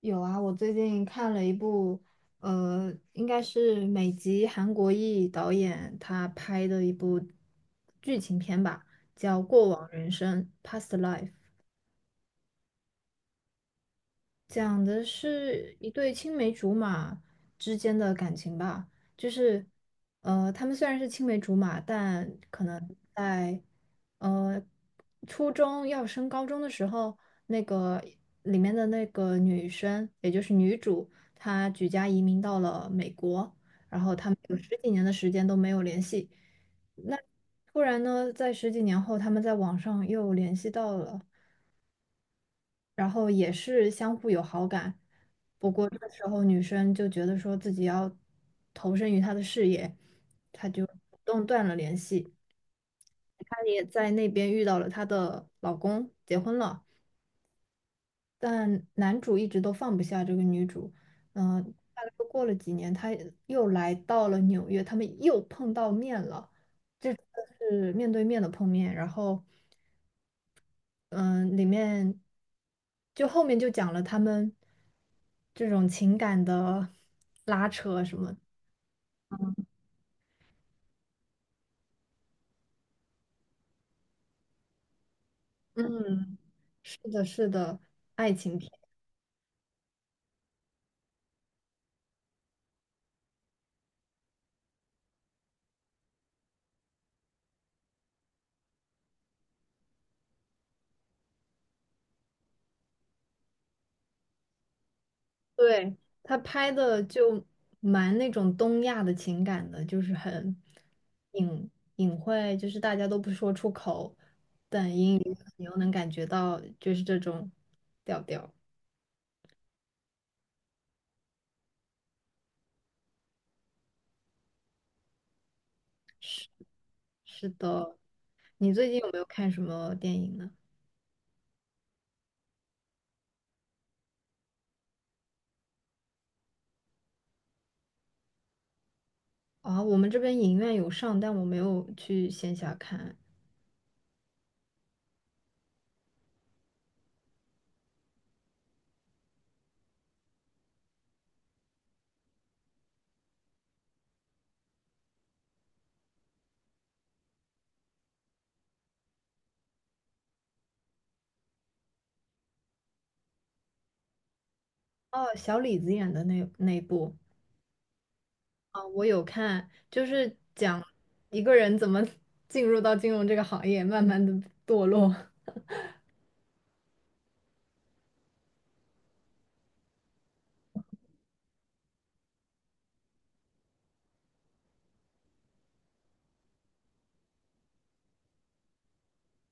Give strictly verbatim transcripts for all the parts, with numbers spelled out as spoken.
有啊，我最近看了一部，呃，应该是美籍韩国裔导演他拍的一部剧情片吧，叫《过往人生》（Past Life）。讲的是一对青梅竹马之间的感情吧，就是，呃，他们虽然是青梅竹马，但可能在，呃，初中要升高中的时候，那个里面的那个女生，也就是女主，她举家移民到了美国，然后他们有十几年的时间都没有联系，那突然呢，在十几年后，他们在网上又联系到了。然后也是相互有好感。不过这个时候女生就觉得说自己要投身于他的事业，她就主动断了联系。她也在那边遇到了她的老公，结婚了，但男主一直都放不下这个女主。嗯、大概过了几年，他又来到了纽约，他们又碰到面了。这次是面对面的碰面，然后。嗯，里面就后面就讲了他们这种情感的拉扯什么。嗯，是的，是的，爱情片。对，他拍的就蛮那种东亚的情感的，就是很隐隐晦，就是大家都不说出口，但英语你又能感觉到，就是这种调调。是是的，你最近有没有看什么电影呢？啊，我们这边影院有上，但我没有去线下看。哦，小李子演的那那部啊，我有看，就是讲一个人怎么 进入到金融这个行业，慢慢的堕落。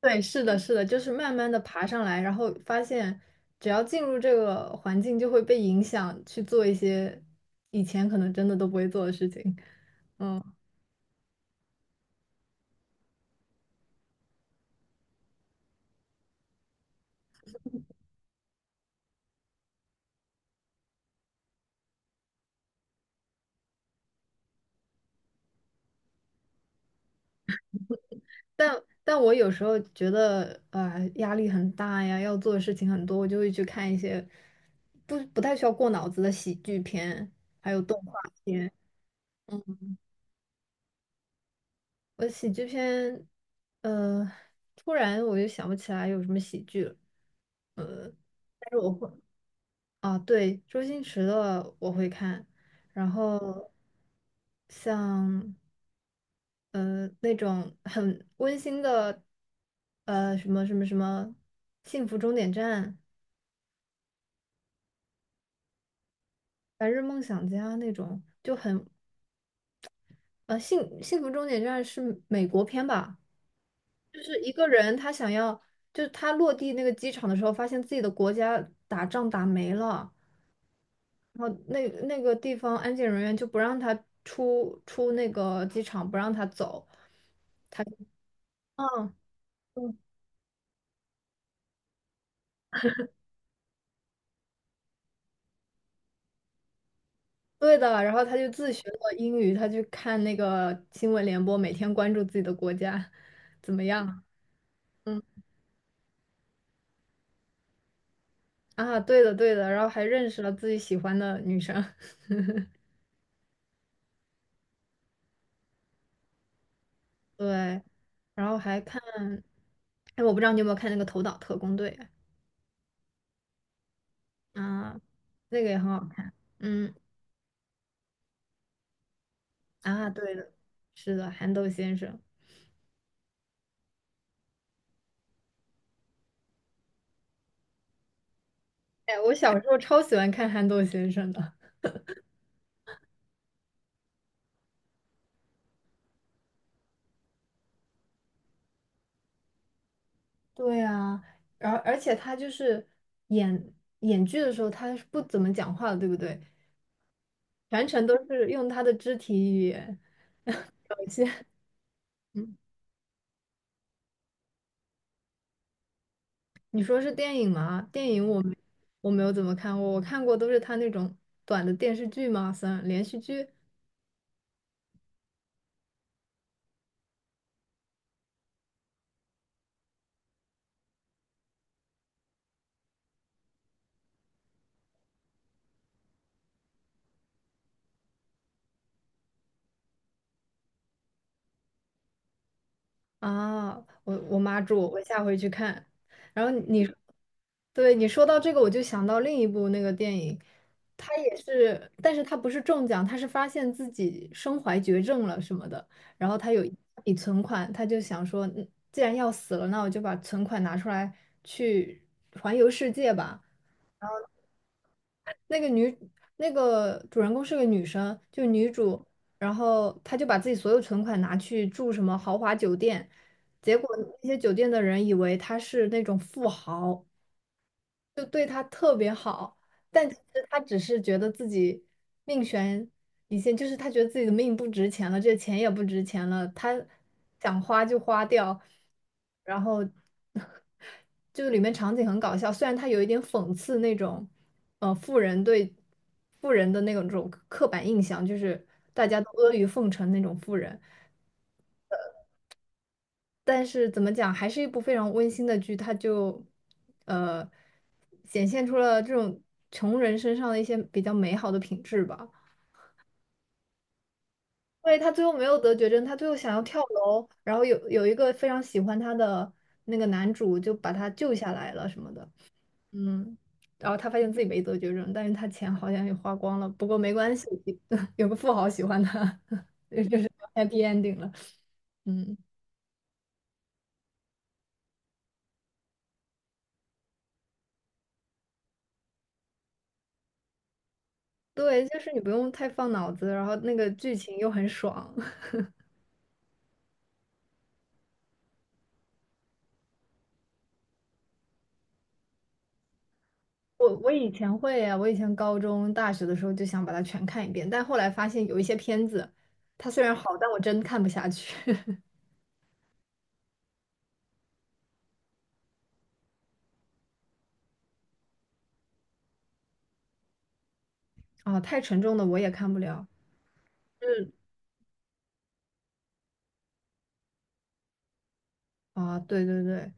对，是的，是的，就是慢慢的爬上来，然后发现只要进入这个环境，就会被影响去做一些以前可能真的都不会做的事情。但但我有时候觉得，呃，压力很大呀，要做的事情很多，我就会去看一些不不太需要过脑子的喜剧片，还有动画片。我喜剧片，呃，突然我就想不起来有什么喜剧了，但是我会啊，对，周星驰的我会看，然后像呃那种很温馨的，呃什么什么什么《幸福终点站》。白日梦想家那种就很呃，幸幸福终点站是美国片吧？就是一个人他想要，就是他落地那个机场的时候，发现自己的国家打仗打没了，然后那那个地方安检人员就不让他出出那个机场，不让他走。嗯嗯，对的。然后他就自学了英语，他去看那个新闻联播，每天关注自己的国家怎么样。嗯啊，对的对的，然后还认识了自己喜欢的女生。对，然后还看，哎，我不知道你有没有看那个《头脑特工队》啊，那个也很好看。嗯啊，对的，是的，憨豆先生。哎，我小时候超喜欢看憨豆先生的。对啊，然后而且他就是演演剧的时候，他是不怎么讲话的，对不对？全程都是用他的肢体语言表现。嗯，你说是电影吗？电影我没我没有怎么看过，我看过都是他那种短的电视剧嘛，算连续剧。啊，我我妈住，我下回去看。然后你，对你说到这个，我就想到另一部那个电影，它也是，但是它不是中奖，它是发现自己身怀绝症了什么的，然后他有一笔存款，他就想说，嗯既然要死了，那我就把存款拿出来去环游世界吧。那个女那个主人公是个女生，就女主，然后她就把自己所有存款拿去住什么豪华酒店，结果那些酒店的人以为她是那种富豪，就对他特别好，但其实他只是觉得自己命悬一线，就是他觉得自己的命不值钱了，这钱也不值钱了，他想花就花掉，然后 就里面场景很搞笑，虽然他有一点讽刺那种，呃，富人对富人的那种刻板印象，就是大家都阿谀奉承那种富人，但是怎么讲，还是一部非常温馨的剧，它就呃显现出了这种穷人身上的一些比较美好的品质吧。因为他最后没有得绝症，他最后想要跳楼，然后有有一个非常喜欢他的那个男主就把他救下来了什么的，嗯，然后他发现自己没得绝症，但是他钱好像也花光了，不过没关系，有个富豪喜欢他，就是 happy ending 了，嗯。对，就是你不用太放脑子，然后那个剧情又很爽。我我以前会呀，我以前高中、大学的时候就想把它全看一遍，但后来发现有一些片子，它虽然好，但我真看不下去 啊，太沉重的我也看不了。嗯，啊，对对对，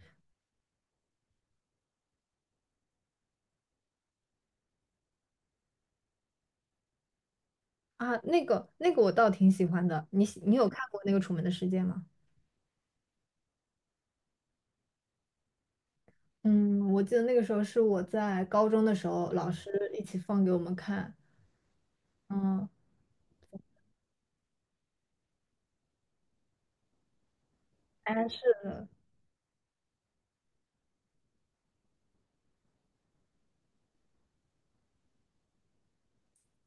啊，那个那个我倒挺喜欢的，你喜你有看过那个《楚门的世界》吗？嗯，我记得那个时候是我在高中的时候，老师一起放给我们看。嗯，哎，是。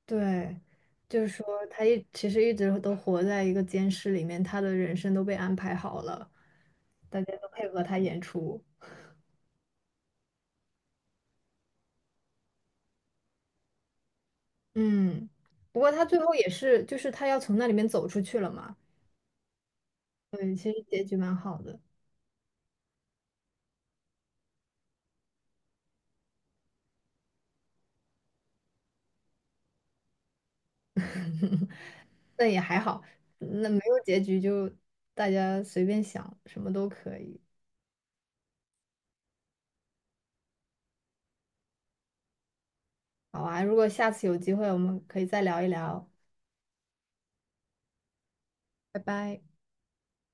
对，就是说他一其实一直都活在一个监视里面，他的人生都被安排好了，大家都配合他演出。嗯，不过他最后也是，就是他要从那里面走出去了嘛。嗯，其实结局蛮好的，但也还好，那没有结局就大家随便想，什么都可以。好啊，如果下次有机会，我们可以再聊一聊。拜拜。